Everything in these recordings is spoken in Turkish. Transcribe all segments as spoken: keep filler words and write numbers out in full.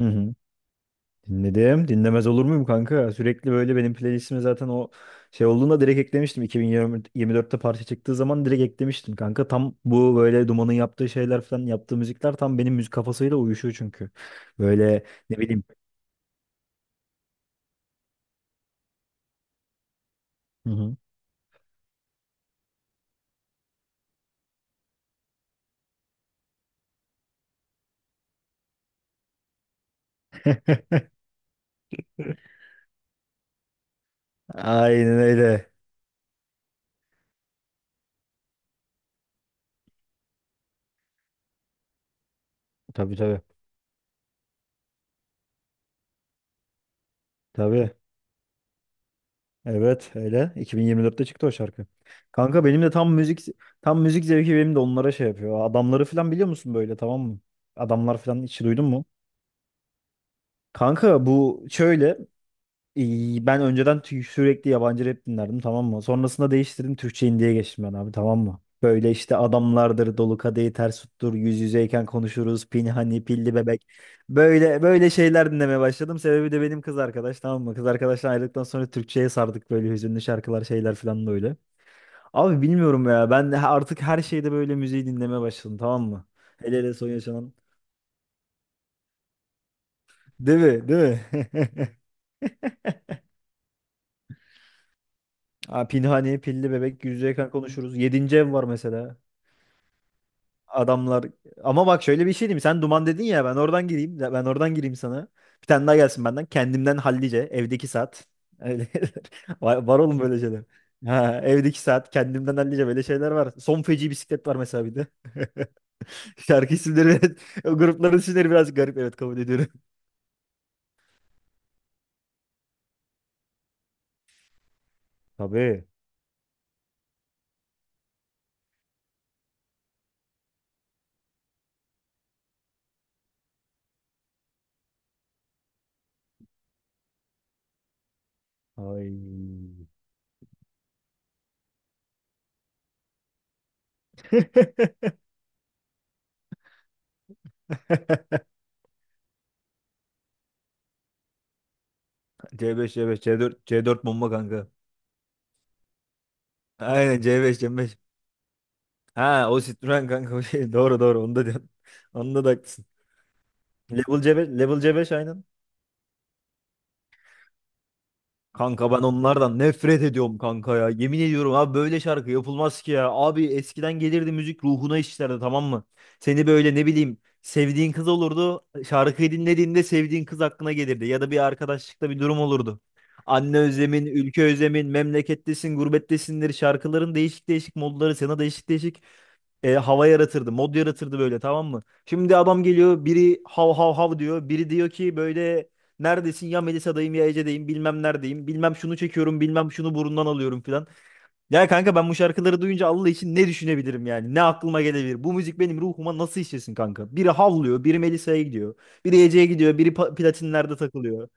Hı hı. Dinledim. Dinlemez olur muyum kanka? Sürekli böyle benim playlistime zaten o şey olduğunda direkt eklemiştim. iki bin yirmi dörtte parça çıktığı zaman direkt eklemiştim kanka. Tam bu böyle Duman'ın yaptığı şeyler falan yaptığı müzikler tam benim müzik kafasıyla uyuşuyor çünkü. Böyle ne bileyim. Hı hı. Aynen öyle. Tabii tabii. Tabii. Evet öyle. iki bin yirmi dörtte çıktı o şarkı. Kanka benim de tam müzik tam müzik zevki benim de onlara şey yapıyor. Adamları falan biliyor musun böyle tamam mı? Adamlar falan hiç duydun mu? Kanka bu şöyle e, ben önceden tü- sürekli yabancı rap dinlerdim tamam mı? Sonrasında değiştirdim Türkçe indie'ye geçtim ben abi tamam mı? Böyle işte adamlardır dolu kadehi ters tuttur yüz yüzeyken konuşuruz pinhani pilli bebek böyle böyle şeyler dinlemeye başladım. Sebebi de benim kız arkadaş tamam mı? Kız arkadaştan ayrıldıktan sonra Türkçe'ye sardık böyle hüzünlü şarkılar şeyler falan böyle. Abi bilmiyorum ya ben de artık her şeyde böyle müziği dinlemeye başladım tamam mı? Hele hele son yaşanan. Değil mi? Değil mi? Aa, Pinhani, Pilli Bebek, Yüzde Yakın konuşuruz. Yedinci ev var mesela. Adamlar. Ama bak şöyle bir şey diyeyim. Sen Duman dedin ya ben oradan gireyim. Ben oradan gireyim sana. Bir tane daha gelsin benden. Kendimden hallice. Evdeki saat. Öyle. Var, var oğlum böyle şeyler. Ha, evdeki saat. Kendimden hallice böyle şeyler var. Son feci bisiklet var mesela bir de. Şarkı isimleri, o grupların isimleri biraz garip. Evet kabul ediyorum. Tabii. Ay. C beş, C beş, c beş, C dört C dört bomba kanka. Aynen C beş, C beş. Ha o Citroen kanka o şey. Doğru doğru onu da diyorsun. Onda da haklısın. Level C beş, Level C beş aynen. Kanka ben onlardan nefret ediyorum kanka ya. Yemin ediyorum abi böyle şarkı yapılmaz ki ya. Abi eskiden gelirdi müzik ruhuna işlerdi tamam mı? Seni böyle ne bileyim sevdiğin kız olurdu. Şarkıyı dinlediğinde sevdiğin kız aklına gelirdi. Ya da bir arkadaşlıkta bir durum olurdu. Anne özlemin, ülke özlemin, memlekettesin, gurbettesindir şarkıların değişik değişik modları sana değişik değişik e, hava yaratırdı. Mod yaratırdı böyle tamam mı? Şimdi adam geliyor biri hav hav hav diyor. Biri diyor ki böyle neredesin ya Melisa'dayım ya Ece'deyim bilmem neredeyim. Bilmem şunu çekiyorum bilmem şunu burundan alıyorum filan. Ya kanka ben bu şarkıları duyunca Allah için ne düşünebilirim yani? Ne aklıma gelebilir? Bu müzik benim ruhuma nasıl işlesin kanka? Biri havlıyor, biri Melisa'ya gidiyor. Biri Ece'ye gidiyor, biri pa- platinlerde takılıyor.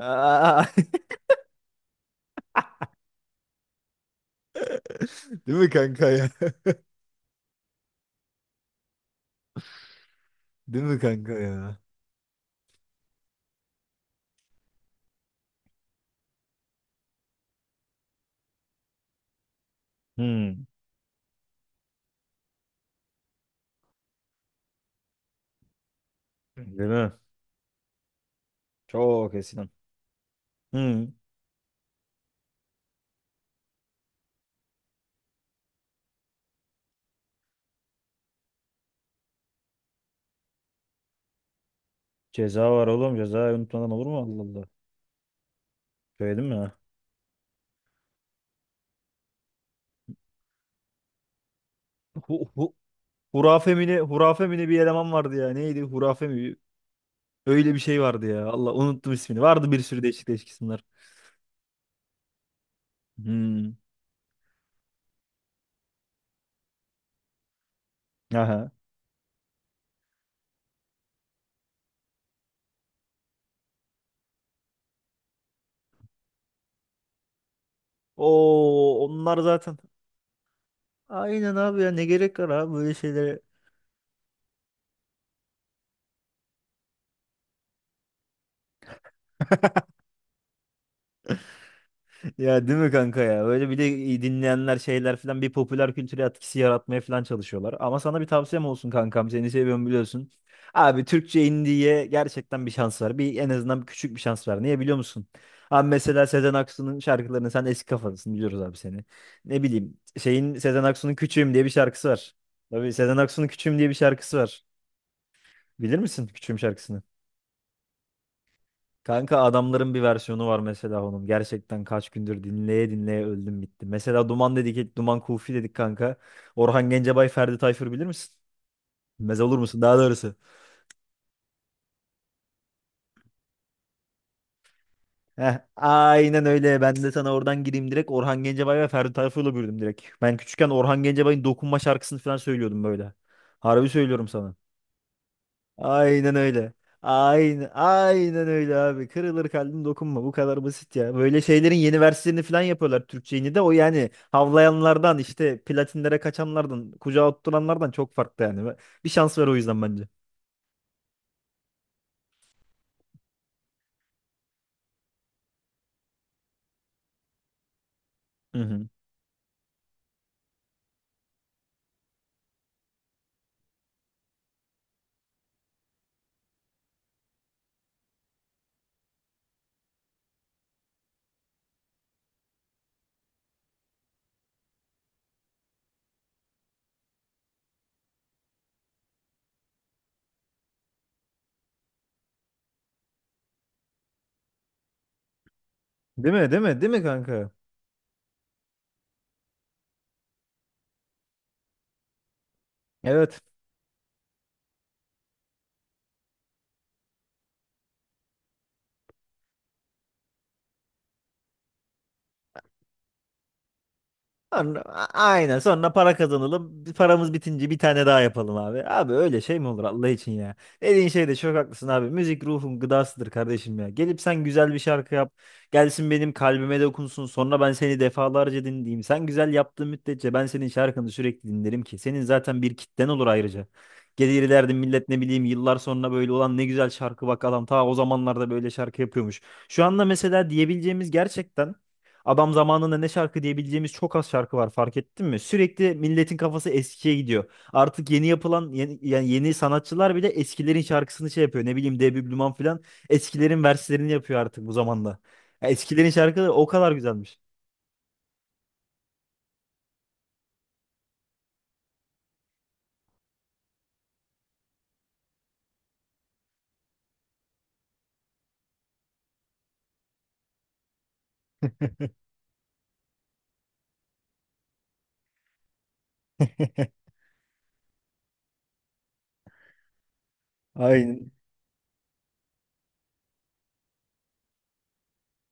Aa! Değil mi kanka ya? Değil mi kanka ya? Hmm. Değil mi? Çok eskiden. Hmm. Ceza var oğlum. Cezayı unutmadan olur mu? Allah Allah. Söyledim mi? Ha? Hu, hu, hurafe mi ne? Hurafe mi ne bir eleman vardı ya. Neydi? Hurafe mi? Öyle bir şey vardı ya. Allah unuttum ismini. Vardı bir sürü değişik değişik isimler. Hmm. Aha. Oo onlar zaten. Aynen abi ya ne gerek var abi böyle şeylere. Ya değil mi kanka ya? Böyle bir de iyi dinleyenler şeyler falan bir popüler kültüre etkisi yaratmaya falan çalışıyorlar. Ama sana bir tavsiyem olsun kankam. Seni seviyorum biliyorsun. Abi Türkçe indiye gerçekten bir şans var. Bir en azından bir küçük bir şans var. Niye biliyor musun? Abi mesela Sezen Aksu'nun şarkılarını sen eski kafalısın biliyoruz abi seni. Ne bileyim şeyin Sezen Aksu'nun Küçüğüm diye bir şarkısı var. Tabii Sezen Aksu'nun Küçüğüm diye bir şarkısı var. Bilir misin Küçüğüm şarkısını? Kanka adamların bir versiyonu var mesela onun. Gerçekten kaç gündür dinleye dinleye öldüm bitti. Mesela Duman dedik, Duman Kufi dedik kanka. Orhan Gencebay, Ferdi Tayfur bilir misin? Bilmez olur musun daha doğrusu. Heh, aynen öyle. Ben de sana oradan gireyim direkt. Orhan Gencebay ve Ferdi Tayfur'la büyüdüm direkt. Ben küçükken Orhan Gencebay'ın Dokunma şarkısını falan söylüyordum böyle. Harbi söylüyorum sana. Aynen öyle. Aynen, aynen öyle abi. Kırılır kalbim dokunma. Bu kadar basit ya. Böyle şeylerin yeni versiyonunu falan yapıyorlar Türkçe'yi de. O yani havlayanlardan işte platinlere kaçanlardan, kucağa oturanlardan çok farklı yani. Bir şans ver o yüzden bence. Hı hı. Değil mi? Değil mi? Değil mi kanka? Evet. Sonra- a- Aynen sonra para kazanalım. Paramız bitince bir tane daha yapalım abi. Abi öyle şey mi olur Allah için ya. Dediğin şeyde çok haklısın abi. Müzik ruhun gıdasıdır kardeşim ya. Gelip sen güzel bir şarkı yap. Gelsin benim kalbime dokunsun. Sonra ben seni defalarca dinleyeyim. Sen güzel yaptığın müddetçe ben senin şarkını sürekli dinlerim ki. Senin zaten bir kitlen olur ayrıca. Gelir derdim millet ne bileyim yıllar sonra böyle olan ne güzel şarkı bak adam ta o zamanlarda böyle şarkı yapıyormuş. Şu anda mesela diyebileceğimiz gerçekten adam zamanında ne şarkı diyebileceğimiz çok az şarkı var fark ettin mi? Sürekli milletin kafası eskiye gidiyor. Artık yeni yapılan yeni, yani yeni sanatçılar bile eskilerin şarkısını şey yapıyor. Ne bileyim Debi Blüman falan eskilerin verslerini yapıyor artık bu zamanda. Ya eskilerin şarkıları o kadar güzelmiş. Aynen.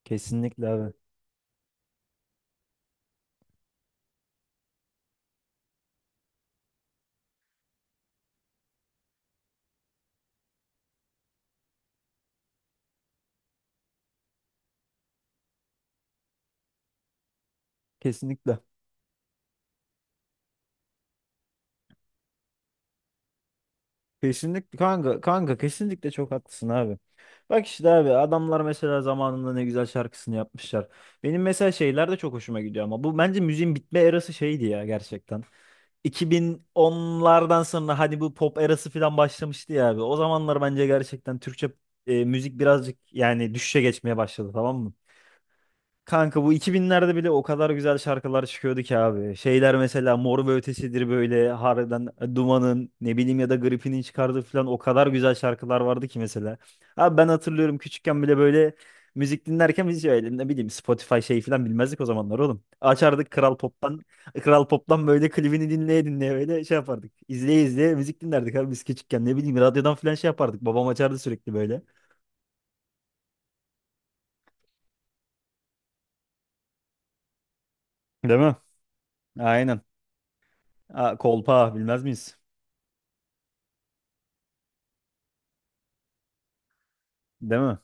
Kesinlikle abi. Kesinlikle. Kesinlikle kanka kanka kesinlikle çok haklısın abi. Bak işte abi adamlar mesela zamanında ne güzel şarkısını yapmışlar. Benim mesela şeyler de çok hoşuma gidiyor ama bu bence müziğin bitme erası şeydi ya gerçekten. iki bin onlardan sonra hani bu pop erası falan başlamıştı ya abi. O zamanlar bence gerçekten Türkçe e, müzik birazcık yani düşüşe geçmeye başladı tamam mı? Kanka bu iki binlerde bile o kadar güzel şarkılar çıkıyordu ki abi. Şeyler mesela Mor ve Ötesi'dir böyle harbiden e, Duman'ın ne bileyim ya da Gripin'in çıkardığı falan o kadar güzel şarkılar vardı ki mesela. Abi ben hatırlıyorum küçükken bile böyle müzik dinlerken biz öyle ne bileyim Spotify şey falan bilmezdik o zamanlar oğlum. Açardık Kral Pop'tan Kral Pop'tan böyle klibini dinleye dinleye böyle şey yapardık. İzleye izleye müzik dinlerdik abi biz küçükken ne bileyim radyodan falan şey yapardık. Babam açardı sürekli böyle. Değil mi? Aynen. Aa, kolpa bilmez miyiz? Değil mi?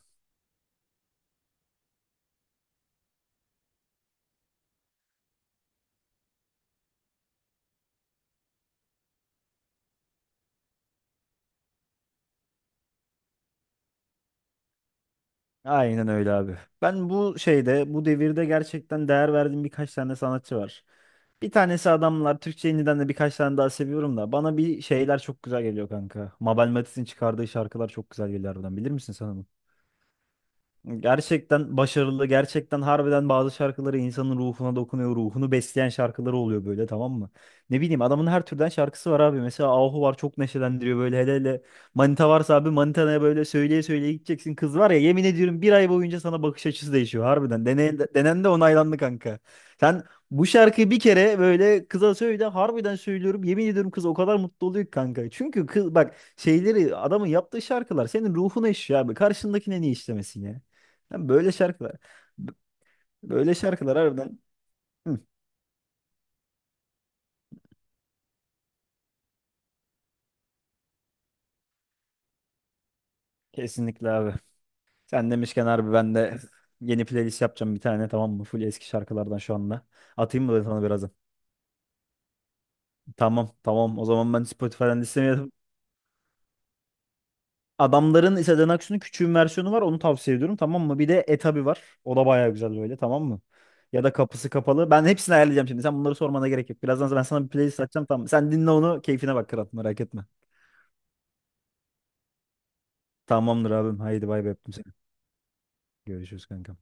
Aynen öyle abi. Ben bu şeyde, bu devirde gerçekten değer verdiğim birkaç tane sanatçı var. Bir tanesi adamlar. Türkçe indiden de birkaç tane daha seviyorum da. Bana bir şeyler çok güzel geliyor kanka. Mabel Matiz'in çıkardığı şarkılar çok güzel geliyor harbiden. Bilir misin sen onu? Gerçekten başarılı, gerçekten harbiden bazı şarkıları insanın ruhuna dokunuyor, ruhunu besleyen şarkıları oluyor böyle tamam mı? Ne bileyim adamın her türden şarkısı var abi. Mesela Ahu var çok neşelendiriyor böyle hele hele. Manita varsa abi manitanaya böyle söyleye söyleye gideceksin. Kız var ya yemin ediyorum bir ay boyunca sana bakış açısı değişiyor harbiden. Deneyen de, denen de onaylandı kanka. Sen bu şarkıyı bir kere böyle kıza söyle harbiden söylüyorum yemin ediyorum kız o kadar mutlu oluyor ki kanka. Çünkü kız bak şeyleri adamın yaptığı şarkılar senin ruhuna işliyor abi. Karşındakine niye işlemesin ya? Ya böyle şarkılar. b- Böyle şarkılar harbiden. Hı, kesinlikle abi. Sen demişken harbi ben de yeni playlist yapacağım bir tane tamam mı? Full eski şarkılardan şu anda. Atayım mı ben sana birazdan? Tamam tamam. O zaman ben Spotify'dan listemi yapayım. Adamların Sezen Aksu'nun küçüğün versiyonu var. Onu tavsiye ediyorum tamam mı? Bir de Etabi var. O da baya güzel böyle tamam mı? Ya da kapısı kapalı. Ben hepsini ayarlayacağım şimdi. Sen bunları sormana gerek yok. Birazdan ben sana bir playlist açacağım tamam mı? Sen dinle onu. Keyfine bak kral merak etme. Tamamdır abim. Haydi bay bay öptüm seni. Görüşürüz kanka.